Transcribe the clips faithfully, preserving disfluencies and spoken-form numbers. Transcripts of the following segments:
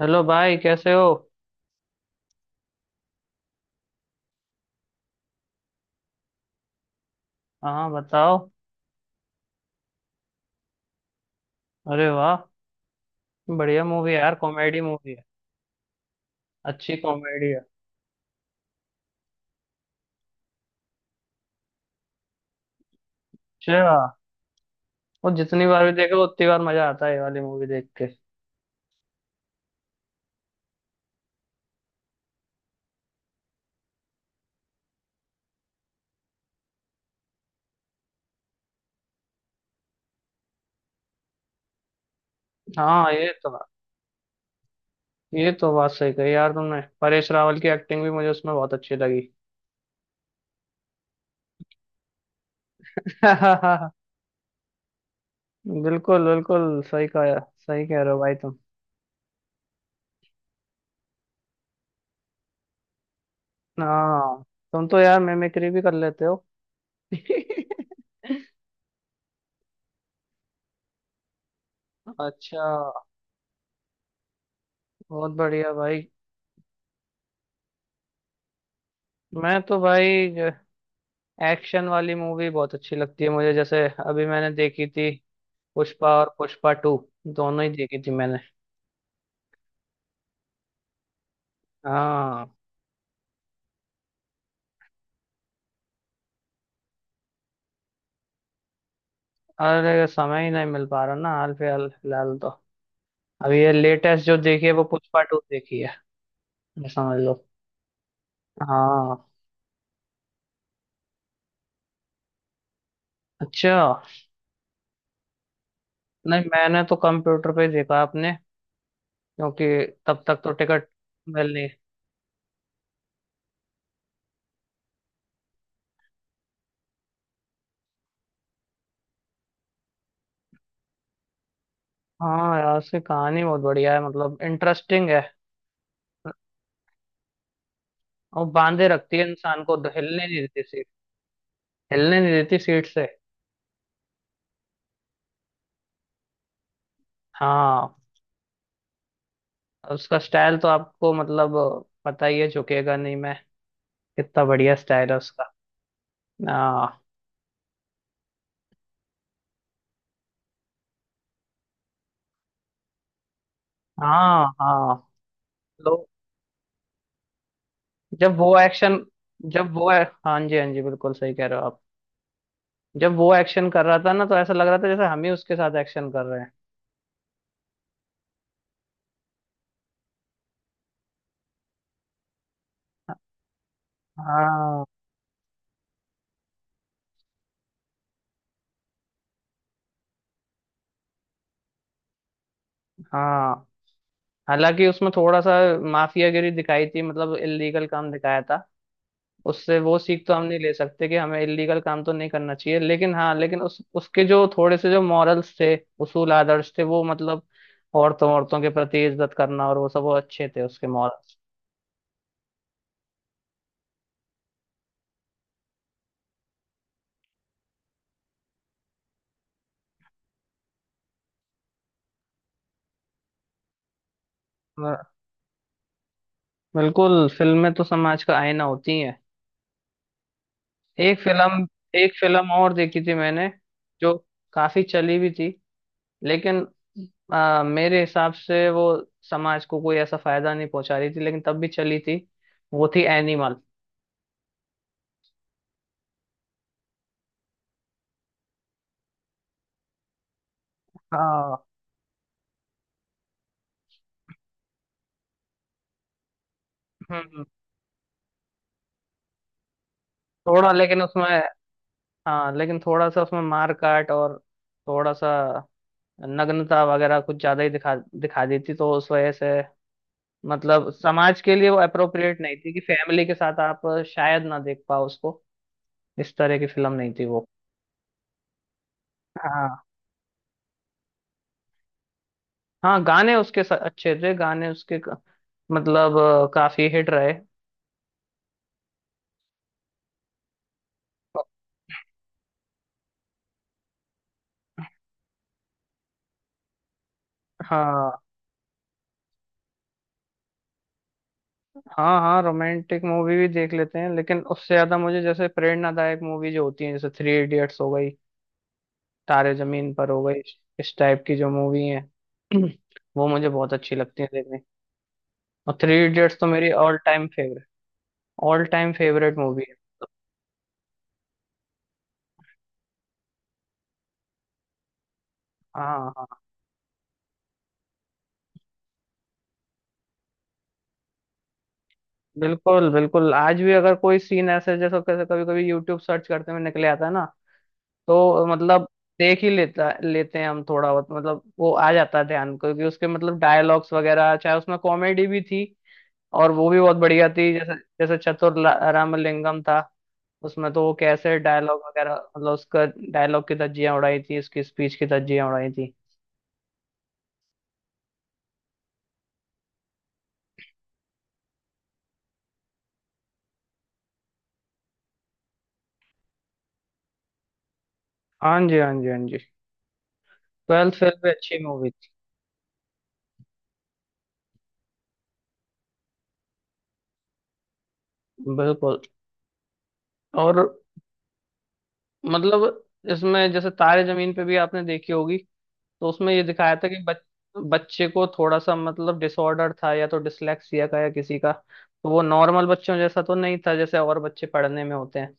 Hello भाई, कैसे हो। हाँ, बताओ। अरे वाह। बढ़िया मूवी है यार, कॉमेडी मूवी है। अच्छी कॉमेडी है। अच्छा। वो जितनी बार भी देखो उतनी बार मजा आता है ये वाली मूवी देख के। हाँ, ये तो। ये तो बात सही कही यार तुमने, परेश रावल की एक्टिंग भी मुझे उसमें बहुत अच्छी लगी। बिल्कुल बिल्कुल सही कहा। सही कह रहे हो भाई तुम। हाँ, तुम तो यार मिमिक्री भी कर लेते हो। अच्छा। बहुत बढ़िया भाई। मैं तो भाई एक्शन वाली मूवी बहुत अच्छी लगती है मुझे, जैसे अभी मैंने देखी थी पुष्पा और पुष्पा टू। दोनों ही देखी थी मैंने। हाँ। अरे, समय ही नहीं मिल पा रहा ना हाल फिलहाल फिलहाल तो अभी ये लेटेस्ट जो देखी है वो पुष्पा टू देखी है। ये समझ लो। हाँ। अच्छा। नहीं, मैंने तो कंप्यूटर पे ही देखा आपने, क्योंकि तब तक तो टिकट मिल नहीं। हाँ यार, उसकी कहानी बहुत बढ़िया है, मतलब इंटरेस्टिंग है। और बांधे रखती है इंसान को, हिलने नहीं देती सीट। हिलने नहीं देती सीट से। हाँ, उसका स्टाइल तो आपको मतलब पता ही है, झुकेगा नहीं मैं। कितना बढ़िया स्टाइल है उसका। आ, हाँ, हाँ। लो। जब वो एक्शन। जब वो, हाँ जी हाँ जी, बिल्कुल सही कह रहे हो आप। जब वो एक्शन कर रहा था ना तो ऐसा लग रहा था जैसे हम ही उसके साथ एक्शन कर रहे हैं। हाँ, हाँ। हालांकि उसमें थोड़ा सा माफियागिरी दिखाई थी, मतलब इलीगल काम दिखाया था। उससे वो सीख तो हम नहीं ले सकते कि हमें इलीगल काम तो नहीं करना चाहिए, लेकिन हाँ, लेकिन उस उसके जो थोड़े से जो मॉरल्स थे, उसूल आदर्श थे, वो मतलब औरतों औरतों के प्रति इज्जत करना और वो सब वो अच्छे थे उसके मॉरल्स। बिल्कुल, फिल्में तो समाज का आईना होती हैं। एक फिल्म, एक फिल्म और देखी थी मैंने, जो काफी चली भी थी, लेकिन आ, मेरे हिसाब से वो समाज को कोई ऐसा फायदा नहीं पहुंचा रही थी, लेकिन तब भी चली थी। वो थी एनिमल। हाँ, थोड़ा लेकिन उसमें। हाँ, लेकिन थोड़ा सा उसमें मार काट और थोड़ा सा नग्नता वगैरह कुछ ज्यादा ही दिखा दिखा दी थी, तो उस वजह से मतलब समाज के लिए वो अप्रोप्रिएट नहीं थी कि फैमिली के साथ आप शायद ना देख पाओ उसको। इस तरह की फिल्म नहीं थी वो। हाँ। हाँ, गाने उसके स- अच्छे थे, गाने उसके क- मतलब अ, काफी हिट रहे। हाँ, हाँ, हाँ, रोमांटिक मूवी भी देख लेते हैं, लेकिन उससे ज्यादा मुझे जैसे प्रेरणादायक मूवी जो होती है जैसे थ्री इडियट्स हो गई, तारे जमीन पर हो गई, इस इस टाइप की जो मूवी है। वो मुझे बहुत अच्छी लगती है देखने। और थ्री इडियट्स तो मेरी all time favourite. All time favourite movie है। हाँ, हाँ। बिल्कुल बिल्कुल, आज भी अगर कोई सीन ऐसे, जैसे कैसे कभी कभी यूट्यूब सर्च करते हुए निकले आता है ना, तो मतलब देख ही लेता लेते हैं हम थोड़ा बहुत, मतलब वो आ जाता है ध्यान, क्योंकि उसके मतलब डायलॉग्स वगैरह, चाहे उसमें कॉमेडी भी थी और वो भी बहुत बढ़िया थी, जैसे जैसे चतुर ला- रामलिंगम था, उसमें तो वो कैसे डायलॉग वगैरह मतलब उसका डायलॉग की धज्जियां उड़ाई थी, उसकी स्पीच की धज्जियां उड़ाई थी। हाँ जी हाँ जी हाँ जी। ट्वेल्थ फेल भी अच्छी मूवी थी। बिल्कुल। और मतलब इसमें जैसे तारे जमीन पे भी आपने देखी होगी, तो उसमें ये दिखाया था कि बच, बच्चे को थोड़ा सा मतलब डिसऑर्डर था या तो डिसलेक्सिया का या किसी का, तो वो नॉर्मल बच्चों जैसा तो नहीं था जैसे और बच्चे पढ़ने में होते हैं,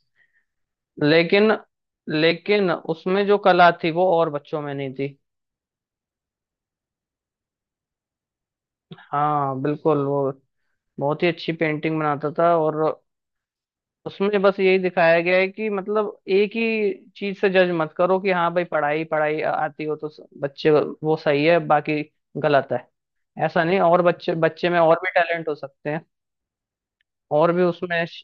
लेकिन लेकिन उसमें जो कला थी वो और बच्चों में नहीं थी। हाँ बिल्कुल, वो बहुत ही अच्छी पेंटिंग बनाता था। और उसमें बस यही दिखाया गया है कि मतलब एक ही चीज से जज मत करो कि हाँ भाई, पढ़ाई पढ़ाई आती हो तो स- बच्चे वो सही है, बाकी गलत है। ऐसा नहीं, और बच्चे बच्चे में और भी टैलेंट हो सकते हैं और भी उसमें श-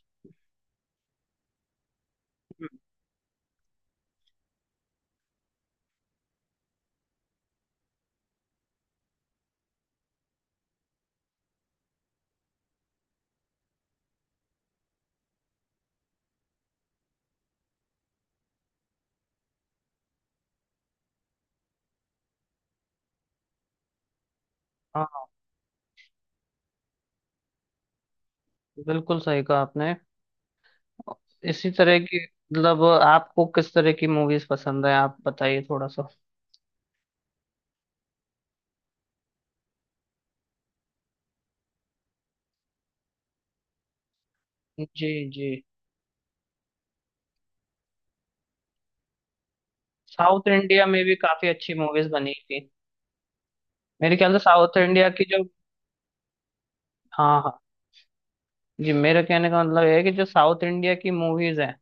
हाँ, बिल्कुल सही कहा आपने। इसी तरह की मतलब आपको किस तरह की मूवीज पसंद है आप बताइए थोड़ा सा। जी जी। साउथ इंडिया में भी काफी अच्छी मूवीज बनी थी। मेरे ख्याल से साउथ इंडिया की जो। हाँ जी, मेरे कहने का मतलब ये है कि जो साउथ इंडिया की मूवीज हैं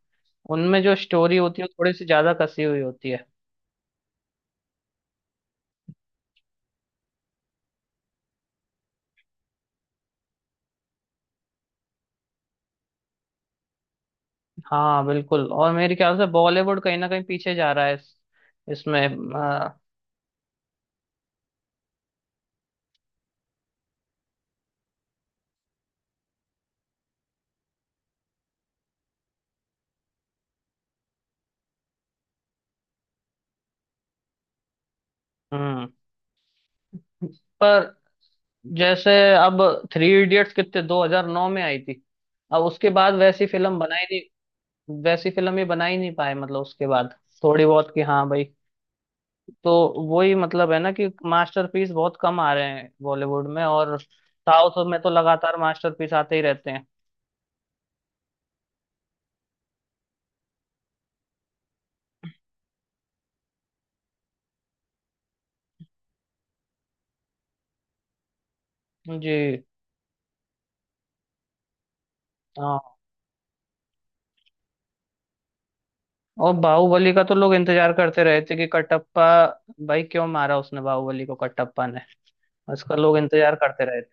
उनमें जो स्टोरी होती है वो थोड़ी सी ज्यादा कसी हुई होती है। हाँ बिल्कुल, और मेरे ख्याल से बॉलीवुड कहीं ना कहीं पीछे जा रहा है इस, इसमें अ, हम्म पर जैसे अब थ्री इडियट्स कितने दो हज़ार नौ में आई थी। अब उसके बाद वैसी फिल्म बनाई नहीं, वैसी फिल्म ही बना ही नहीं पाए, मतलब उसके बाद थोड़ी बहुत, कि हाँ भाई, तो वही मतलब है ना कि मास्टरपीस बहुत कम आ रहे हैं बॉलीवुड में, और साउथ में तो लगातार मास्टरपीस आते ही रहते हैं। जी हाँ, और बाहुबली का तो लोग इंतजार करते रहे थे कि कटप्पा भाई क्यों मारा उसने बाहुबली को कटप्पा ने। उसका लोग इंतजार करते रहे थे।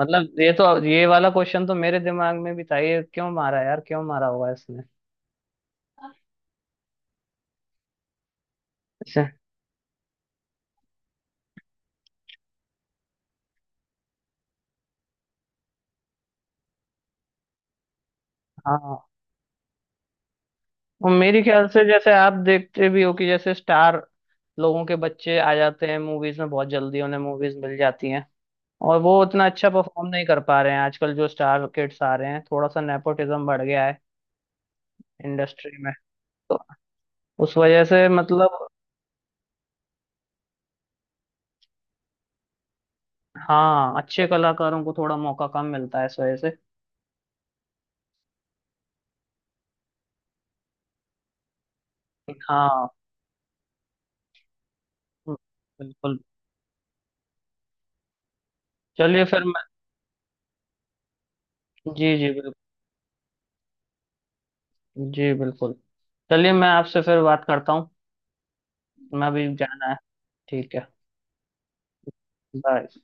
मतलब ये तो, ये वाला क्वेश्चन तो मेरे दिमाग में भी था, ये क्यों मारा यार, क्यों मारा होगा इसने। ऐसे। हाँ, और मेरे ख्याल से जैसे आप देखते भी हो कि जैसे स्टार लोगों के बच्चे आ जाते हैं मूवीज में, बहुत जल्दी उन्हें मूवीज मिल जाती हैं, और वो उतना अच्छा परफॉर्म नहीं कर पा रहे हैं आजकल, जो स्टार किड्स आ रहे हैं थोड़ा सा नेपोटिज्म बढ़ गया है इंडस्ट्री में। तो उस वजह से मतलब हाँ, अच्छे कलाकारों को थोड़ा मौका कम मिलता है इस वजह से। हाँ। हम्म, बिल्कुल। चलिए फिर मैं, जी जी बिल्कुल, जी बिल्कुल। चलिए, मैं आपसे फिर बात करता हूँ। मैं भी जाना है। ठीक है। बाय।